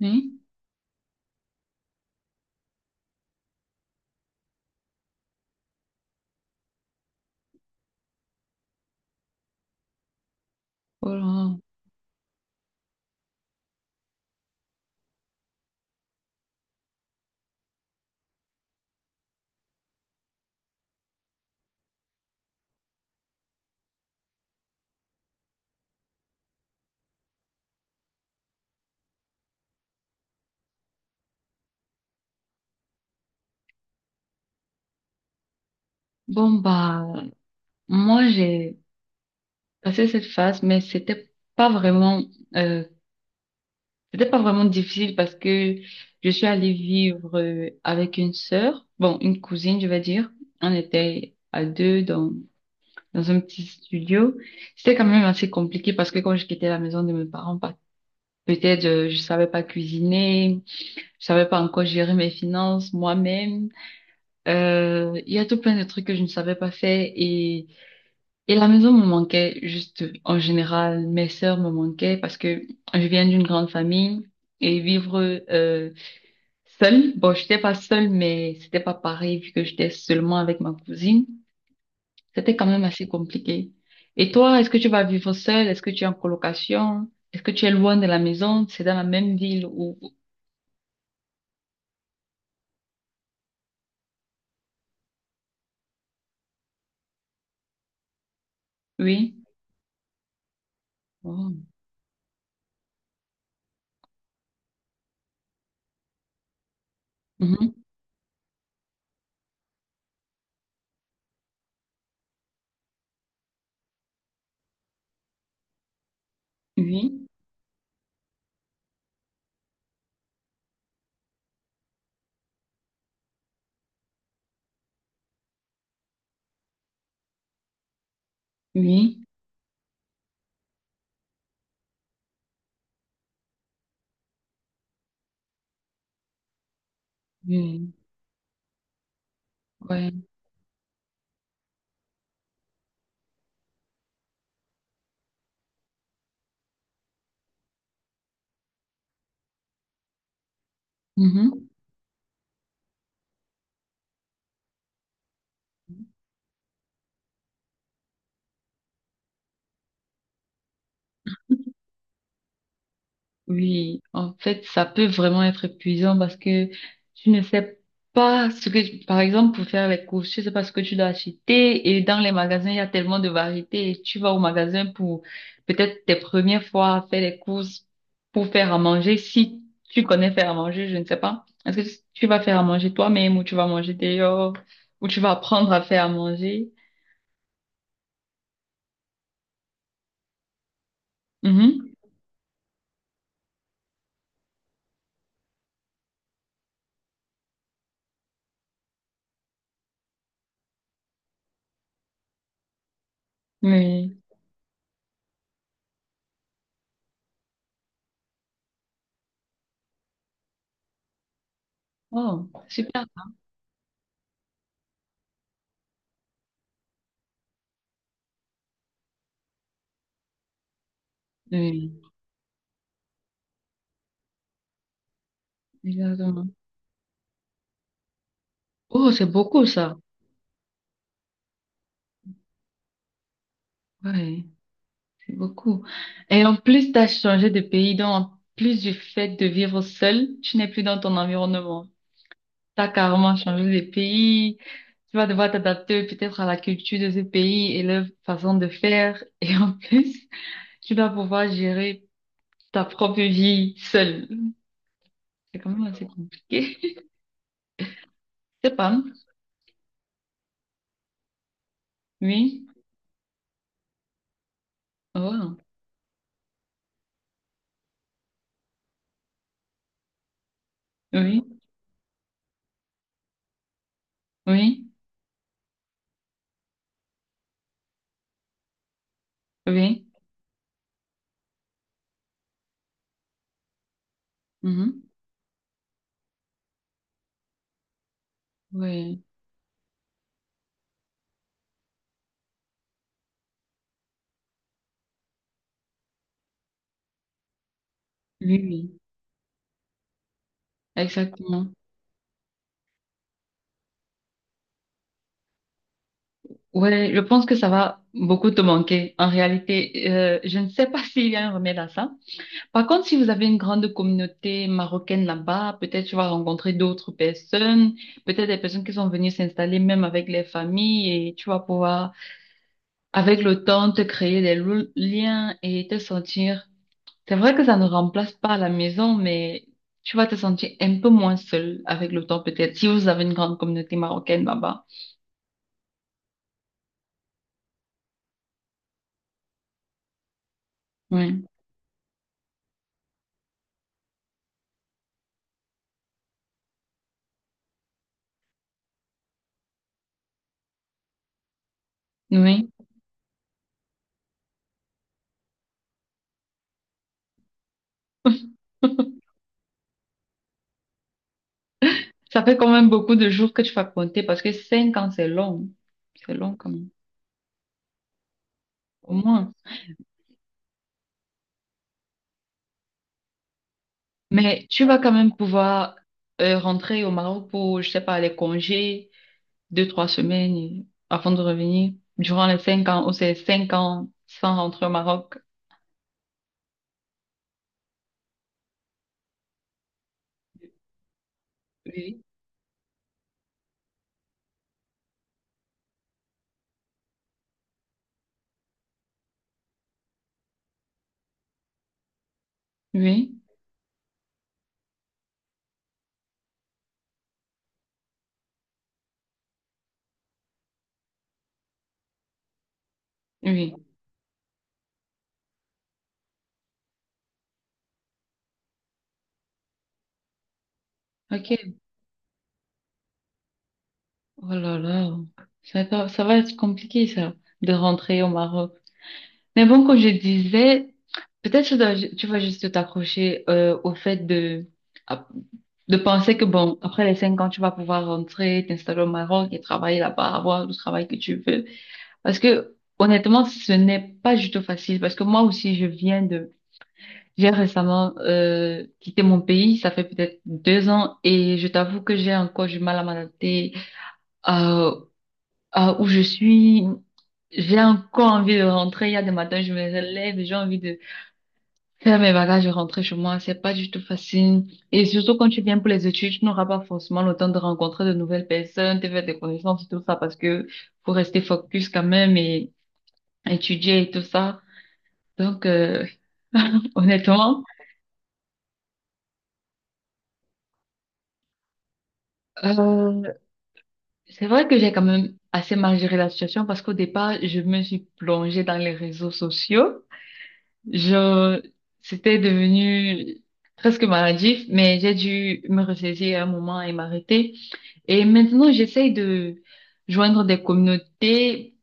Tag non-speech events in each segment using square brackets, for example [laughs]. Oui. Oh. Bon, bah, moi, j'ai passé cette phase, mais pas vraiment, euh, c'était pas vraiment difficile parce que je suis allée vivre avec une sœur, bon, une cousine, je vais dire. On était à deux dans un petit studio. C'était quand même assez compliqué parce que quand je quittais la maison de mes parents, peut-être je savais pas cuisiner, je savais pas encore gérer mes finances moi-même. Il y a tout plein de trucs que je ne savais pas faire et la maison me manquait juste en général, mes sœurs me manquaient parce que je viens d'une grande famille et vivre euh, seule, bon, j'étais pas seule, mais c'était pas pareil vu que j'étais seulement avec ma cousine, c'était quand même assez compliqué. Et toi, est-ce que tu vas vivre seule? Est-ce que tu es en colocation? Est-ce que tu es loin de la maison? C'est dans la même ville ou oui? Oh. Mhm. Oui, oui, oui, ouais. Mhm. Oui, en fait, ça peut vraiment être épuisant parce que tu ne sais pas ce que, par exemple, pour faire les courses, tu ne sais pas ce que tu dois acheter et dans les magasins, il y a tellement de variétés et tu vas au magasin pour peut-être tes premières fois à faire les courses pour faire à manger. Si tu connais faire à manger, je ne sais pas. Est-ce que tu vas faire à manger toi-même ou tu vas manger dehors ou tu vas apprendre à faire à manger? Mhm. Oui. Oh, super. Oui, exactement. Oh, c'est beaucoup ça. Ouais. C'est beaucoup. Et en plus, tu as changé de pays, donc en plus du fait de vivre seul, tu n'es plus dans ton environnement. Tu as carrément changé de pays. Tu vas devoir t'adapter peut-être à la culture de ce pays et leur façon de faire. [laughs] Et en plus, tu dois pouvoir gérer ta propre vie seule. C'est quand même assez compliqué. C'est pas. Oui. Oh. Oui. Oui. Oui. Oui. Mhm. Oui. Oui. Oui. Exactement. Ouais, je pense que ça va beaucoup te manquer. En réalité, je ne sais pas [laughs] s'il y a un remède à ça. Par contre, si vous avez une grande communauté marocaine là-bas, peut-être tu vas rencontrer d'autres personnes, peut-être des personnes qui sont venues s'installer même avec les familles et tu vas pouvoir, avec le temps, te créer des liens et te sentir. C'est vrai que ça ne remplace pas la maison, mais tu vas te sentir un peu moins seul avec le temps, peut-être, si vous avez une grande communauté marocaine là-bas. Oui. Oui. [laughs] Ça fait quand même beaucoup de jours que tu vas compter parce que cinq ans, c'est long. C'est long quand même, au moins. Mais tu vas quand même pouvoir rentrer au Maroc pour, je sais pas, les congés, deux, trois semaines avant de revenir. Durant les cinq ans, ou c'est cinq ans sans rentrer au Maroc. Oui. Oui, oui. Ok. Oh là là. Ça va être compliqué, ça, de rentrer au Maroc. Mais bon, comme je disais, peut-être tu dois, tu vas juste t'accrocher au fait à- de penser que, bon, après les cinq ans, tu vas pouvoir rentrer, t'installer au Maroc et travailler là-bas, avoir le travail que tu veux. Parce que, honnêtement, ce n'est pas du tout facile. Parce que moi aussi, je viens de... J'ai récemment quitté mon pays, ça fait peut-être deux ans, et je t'avoue que j'ai encore du mal à m'adapter à, à où je suis. J'ai encore envie de rentrer. Il y a des matins, je me lève et j'ai envie de faire mes bagages et rentrer chez moi, c'est pas du tout facile. Et surtout quand tu viens pour les études, tu n'auras pas forcément le temps de rencontrer de nouvelles personnes, de faire des connaissances et tout ça parce que faut rester focus quand même et étudier et tout ça. Donc, [laughs] honnêtement, euh, c'est vrai que j'ai quand même assez mal géré la situation parce qu'au départ, je me suis plongée dans les réseaux sociaux. Genre, c'était devenu presque maladif, mais j'ai dû me ressaisir à un moment et m'arrêter. Et maintenant, j'essaye de joindre des communautés.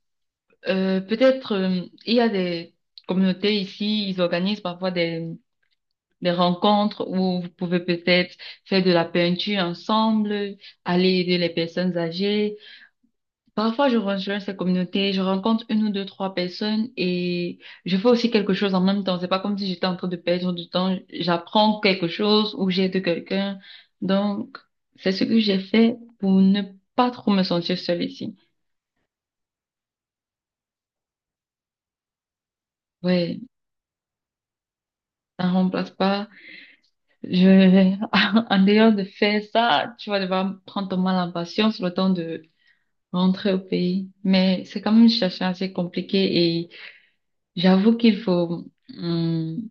Peut-être, il y a des communautés ici, ils organisent parfois des rencontres où vous pouvez peut-être faire de la peinture ensemble, aller aider les personnes âgées. Parfois, je rejoins ces communautés, je rencontre une ou deux, trois personnes et je fais aussi quelque chose en même temps. C'est pas comme si j'étais en train de perdre du temps. J'apprends quelque chose ou j'aide quelqu'un. Donc, c'est ce que j'ai fait pour ne pas trop me sentir seule ici. Ouais, ça ne remplace pas. Je, [laughs] en dehors de faire ça, tu vas devoir prendre ton mal en patience le temps de rentrer au pays. Mais c'est quand même une situation assez compliquée et j'avoue qu'il faut, hum,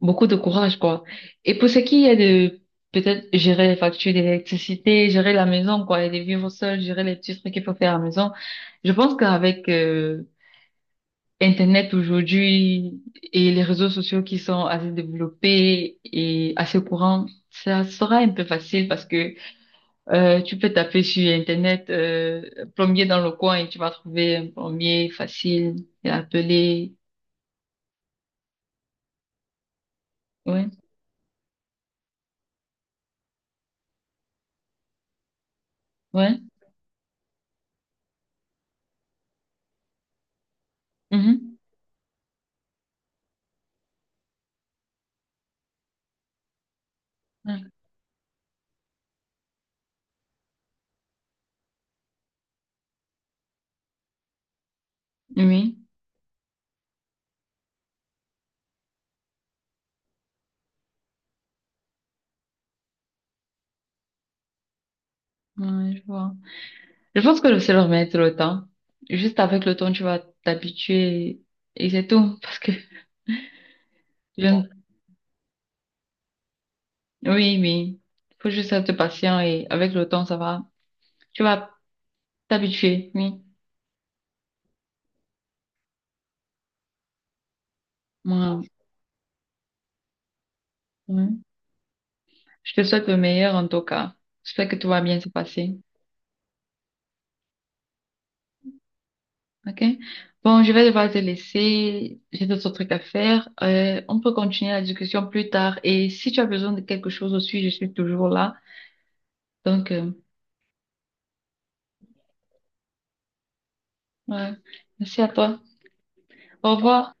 beaucoup de courage, quoi. Et pour ce qui est de peut-être gérer les factures d'électricité, gérer la maison, quoi, et de vivre seul, gérer les petits trucs qu'il faut faire à la maison, je pense qu'avec Internet aujourd'hui et les réseaux sociaux qui sont assez développés et assez courants, ça sera un peu facile parce que tu peux taper sur Internet plombier dans le coin et tu vas trouver un plombier facile et appeler. Ouais, ouais. Mhm. Ouais. Oui, ouais, je vois. Je pense que je sais leur mettre le temps. Juste avec le temps, tu vas t'habituer et c'est tout. Parce que, je... ne- oui, oui. Faut juste être patient et avec le temps, ça va. Tu vas t'habituer, oui. Moi, oui. Je te souhaite le meilleur en tout cas. J'espère que tout va bien se passer. OK? Bon, je vais devoir te laisser. J'ai d'autres trucs à faire. On peut continuer la discussion plus tard. Et si tu as besoin de quelque chose aussi, je suis toujours là. Donc, ouais. Merci à toi. Au revoir.